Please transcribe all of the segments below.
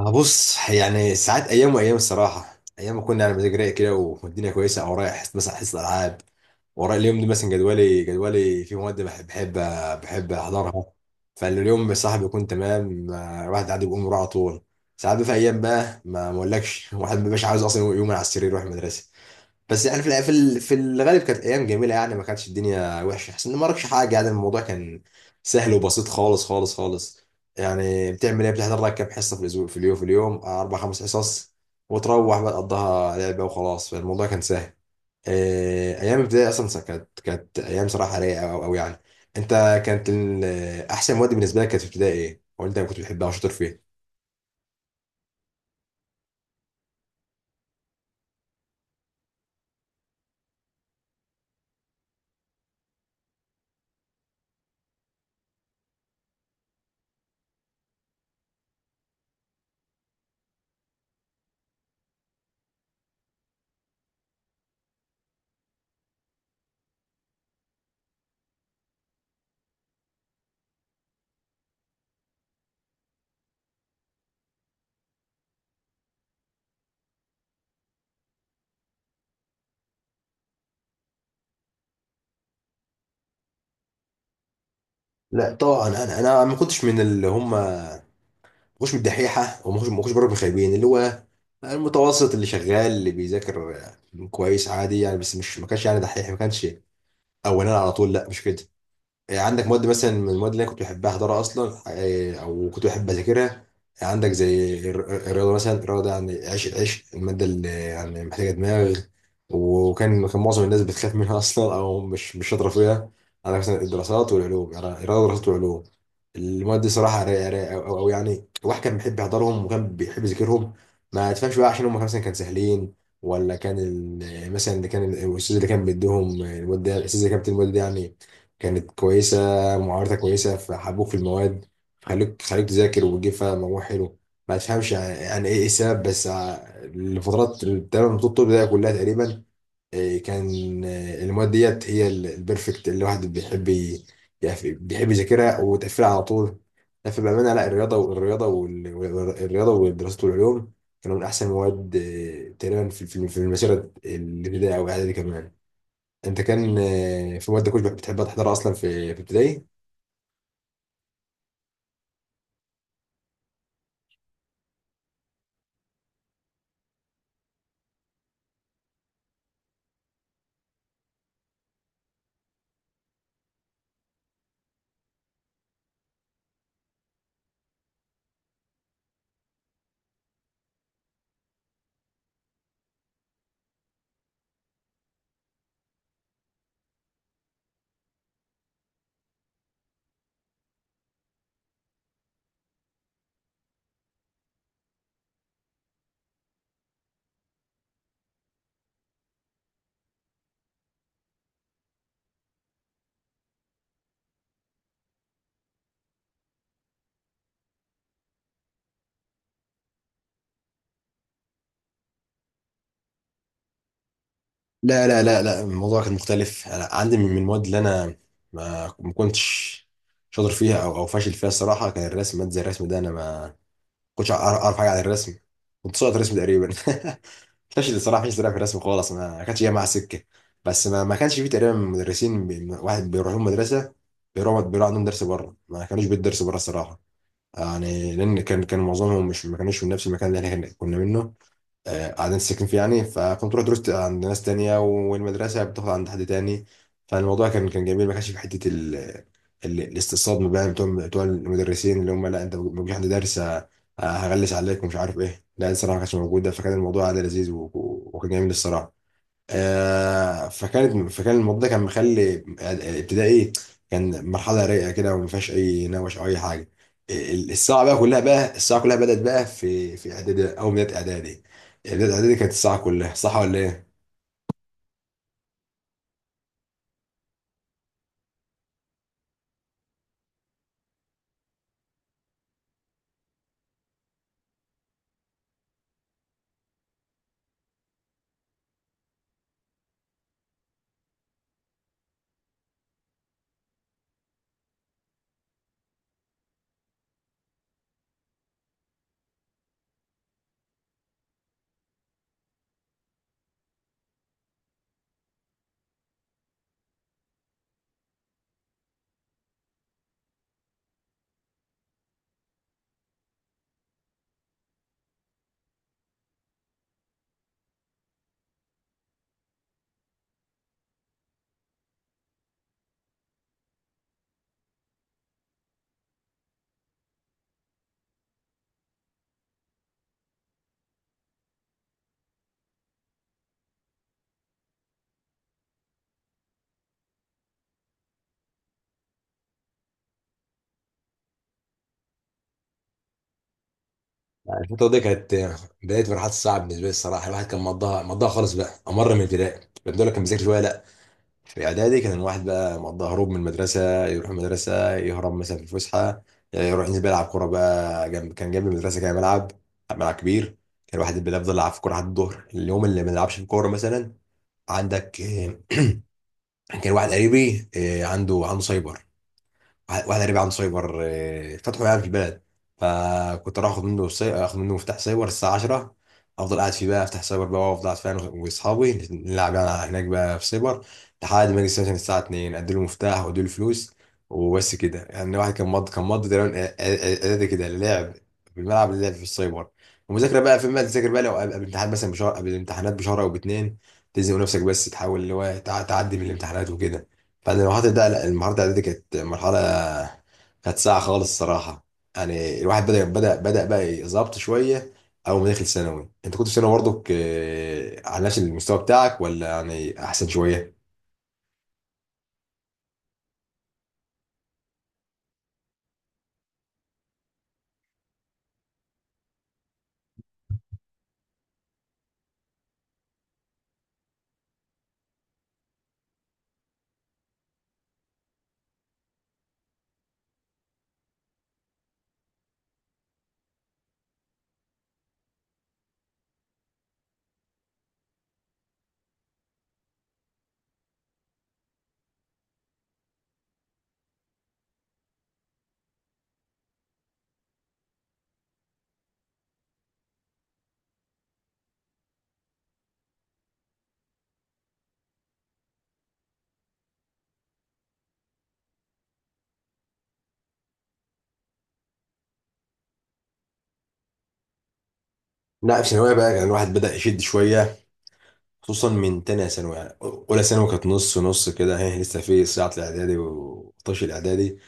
أنا بص، يعني ساعات، ايام وايام الصراحه. ايام ما كنا على مزاج رايق كده والدنيا كويسه، او رايح مثلا حصه العاب، ورايا اليوم ده مثلا، جدولي فيه مواد بحب احضرها. فاليوم بصراحه بيكون تمام، الواحد قاعد بيقوم يروح على طول. ساعات بقى في ايام بقى ما اقولكش الواحد ما بيبقاش عاوز اصلا يوم على السرير يروح المدرسه. بس يعني في الغالب كانت ايام جميله، يعني ما كانتش الدنيا وحشه، احسن ان ما وراكش حاجه، يعني الموضوع كان سهل وبسيط خالص خالص خالص. يعني بتعمل ايه؟ بتحضر لك كام حصه في الاسبوع؟ في اليوم اربع خمس حصص، وتروح بقى تقضيها لعبه وخلاص، فالموضوع كان سهل. ايام الابتدائي اصلا كانت ايام صراحه رايقه أوي أوي يعني. انت، كانت ال- احسن مواد بالنسبه لك كانت في ابتدائي ايه؟ وانت كنت بتحبها وشاطر فيها؟ لا طبعا، انا ما كنتش من اللي هم مش من الدحيحه، وما مش ما كنتش بره من الخايبين، اللي هو المتوسط اللي شغال، اللي بيذاكر كويس عادي يعني. بس مش ما كانش يعني دحيح، ما كانش اولاني على طول، لا مش كده. يعني عندك مواد مثلا من المواد اللي انا كنت بحبها احضرها اصلا، او كنت بحب اذاكرها. يعني عندك زي الرياضه مثلا، الرياضه ده يعني، عيش الماده اللي يعني محتاجه دماغ، وكان معظم الناس بتخاف منها اصلا، او مش شاطره فيها. على مثلا الدراسات والعلوم، يعني الرياضه والدراسات والعلوم، المواد دي صراحه رايقه رايقه، او يعني الواحد كان بيحب يحضرهم وكان بيحب يذاكرهم. ما تفهمش بقى، عشان هم مثلا كانوا سهلين، ولا كان مثلا اللي كان الاستاذ، اللي كان بيديهم المواد ده، الاستاذ اللي كان بيدي المواد دي يعني كانت كويسة، معارضتها كويسة فحبوك في المواد، خلوك تذاكر وتجيب فيها مجموع حلو. ما تفهمش يعني ايه السبب، بس الفترات تقريبا طول الطب ده كلها تقريبا، كان، المواد ديت هي البرفكت اللي الواحد بيحب بيحب يذاكرها وتقفلها على طول. لا فبأمانة لا، الرياضة والرياضة والرياضة ودراسة العلوم كانوا من أحسن المواد، تقريبا في في المسيرة الابتدائية أو الإعدادي كمان. انت كان، في مواد كنت بتحبها تحضرها اصلا في ابتدائي؟ لا لا لا لا، الموضوع كان مختلف. أنا عندي من المواد اللي انا ما كنتش شاطر فيها، او فاشل فيها الصراحه، كان الرسم، ماده زي الرسم ده انا ما كنتش اعرف حاجه عن الرسم. كنت ساقط رسم تقريبا، فاشل الصراحه، فاشل صراحة في الرسم خالص، ما كانتش جايه مع سكه. بس ما كانش فيه تقريبا مدرسين، واحد بيروح لهم مدرسه، بيروح عندهم درس بره. ما كانوش بيدرسوا بره الصراحه، يعني لان كان معظمهم مش، ما كانوش من نفس المكان اللي احنا كنا منه، قاعدين ساكن فيه يعني. فكنت رحت درست عند ناس تانية، والمدرسة بتاخد عند حد تاني، فالموضوع كان جميل. ما كانش في حتة الاستصاد بقى بتوع المدرسين اللي هم لا انت ما تجيش عند درس، هغلس عليك ومش عارف ايه. لا الصراحة ما كانتش موجودة، فكان الموضوع عادي لذيذ، و... و- وكان جميل الصراحة. فكان الموضوع ده كان مخلي ابتدائي كان مرحله رايقه كده، وما فيهاش اي نوش او اي حاجه. الساعه بقى كلها بقى الساعه كلها بدات بقى في اعدادي، او بدايه اعدادي. بدايه اعدادي كانت الساعه كلها صح ولا ايه؟ يعني الفتره دي كانت بدايه مرحله الساعه بالنسبه لي الصراحه، الواحد كان مضاها خالص بقى. امر من ابتدائي بدات لك كان بيذاكر شويه، لا في اعدادي كان الواحد بقى مقضى هروب من المدرسه، يروح المدرسه يهرب مثلا في الفسحه، يروح ينزل بقى يلعب كوره بقى، جنب جنب المدرسه كان ملعب، كبير. كان الواحد بيفضل يلعب في كوره لحد الظهر. اليوم اللي ما يلعبش في كوره مثلا، عندك، كان واحد قريبي، عنده سايبر، واحد قريب عنده سايبر، فتحه يعني في البلد. فكنت اروح اخد منه اخد منه مفتاح سايبر الساعه 10، افضل قاعد فيه بقى، افتح سايبر بقى وافضل قاعد فيه انا واصحابي نلعب يعني هناك بقى في سايبر، لحد ما اجي مثلا الساعه 2 ادي له مفتاح وادي له فلوس، وبس كده. يعني واحد كان مض كان مض تقريبا، كده، لعب في الملعب، اللعب في السايبر، ومذاكره بقى فين؟ بقى تذاكر بقى لو قبل الامتحان مثلا بشهر، قبل الامتحانات بشهر او باتنين، تلزم نفسك بس تحاول اللي هو تعدي من الامتحانات وكده. بعد المرحلة ده، لا المرحلة الإعدادية دي كانت مرحلة، كانت ساعة خالص الصراحة. يعني الواحد بدأ بقى يظبط شوية، أول ما دخل ثانوي. أنت كنت في ثانوي برضك، على نفس المستوى بتاعك، ولا يعني أحسن شوية؟ لا في ثانوية بقى كان الواحد بدأ يشد شوية، خصوصا من تانية ثانوي. يعني أولى ثانوي كانت نص نص كده، هي لسه في صياعة الإعدادي وطش الإعدادي.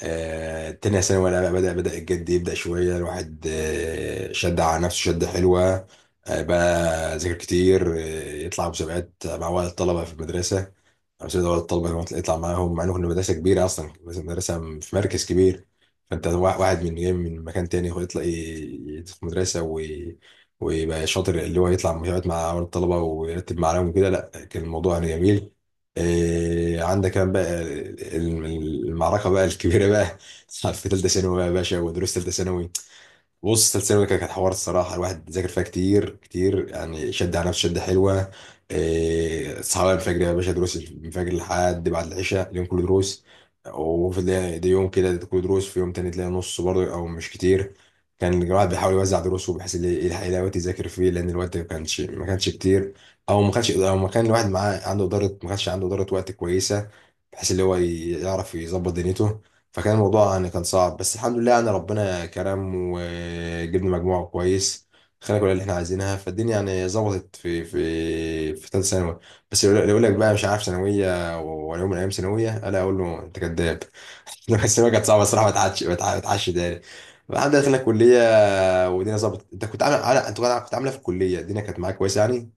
تانية ثانوي لا بدأ الجد يبدأ شوية، الواحد شد على نفسه شدة حلوة. بقى ذاكر كتير، يطلع مسابقات مع ولد الطلبة في المدرسة، أو سيد ولد الطلبة يطلع معاهم. مع إنه كنا مدرسة كبيرة أصلا، مدرسة في مركز كبير، فأنت واحد من جاي من مكان تاني هو يطلع يدخل مدرسة ويبقى شاطر، اللي هو يطلع يقعد مع الطلبه ويرتب معاهم وكده. لا كان الموضوع يعني جميل. عندك كمان بقى المعركه بقى الكبيره بقى في ثالثه ثانوي بقى يا باشا، ودروس ثالثه ثانوي. بص السلسلة الأولى كانت حوار الصراحة، الواحد ذاكر فيها كتير كتير يعني، شد على نفسه شدة حلوة. إيه، صحاب الفجر يا باشا، دروس الفجر لحد بعد العشاء، اليوم كله دروس. وفي ده يوم كده كله دروس، في يوم تاني تلاقي نص برضه، أو مش كتير. كان الواحد بيحاول يوزع دروسه بحيث إن يلحق يلاقي وقت يذاكر فيه، لأن الوقت ما كانش كتير. أو ما كان الواحد معاه عنده إدارة، ما كانش عنده إدارة وقت كويسة، بحيث اللي هو يعرف يظبط دنيته. فكان الموضوع يعني كان صعب، بس الحمد لله يعني ربنا كرم وجبنا مجموعة كويس، خلينا كل اللي احنا عايزينها فالدنيا. يعني ظبطت في في ثالثة ثانوي. بس اللي يقول لك بقى مش عارف ثانوية ولا يوم من أيام ثانوية، ألا أقول له أنت كذاب. بس الثانوية كانت صعبة الصراحة، ما تعادش، ما ما تعادش تاني. بعد دخلنا الكلية والدنيا ظبطت. أنت كنت عامل أنت كنت عاملة في الكلية، الدنيا كانت معاك كويسة يعني؟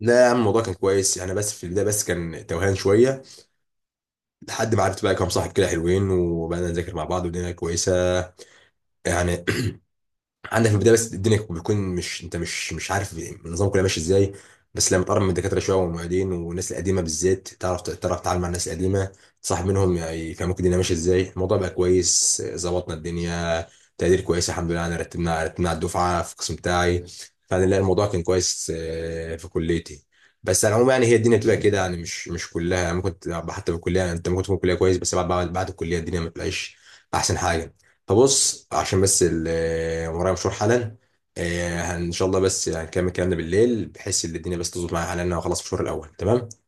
لا يا عم الموضوع كان كويس يعني، بس في البداية بس كان توهان شوية، لحد ما عرفت بقى كام صاحب كده حلوين، وبقينا نذاكر مع بعض والدنيا كويسة يعني. عندك في البدايه بس الدنيا بتكون، مش، انت مش عارف النظام كله ماشي ازاي. بس لما تقرب من الدكاتره شويه والمعيدين والناس القديمه بالذات، تعرف تتعامل مع الناس القديمه، تصاحب منهم يعني يفهموك الدنيا ماشيه ازاي، الموضوع بقى كويس، ظبطنا الدنيا، تقدير كويس الحمد لله. انا رتبنا على الدفعه في القسم بتاعي، فانا لا الموضوع كان كويس، في كليتي. بس على العموم يعني هي الدنيا بتبقى كده يعني، مش كلها يعني. ممكن تبقى حتى في الكليه يعني، انت ممكن تكون كليه كويس، بس بعد بعد الكليه الدنيا ما بتبقاش احسن حاجه. طب بص، عشان بس ورايا مشوار حالا. ان شاء الله بس هنكمل كلامنا بالليل، بحيث ان الدنيا بس تظبط معايا حالا. انا هخلص مشوار الاول، تمام.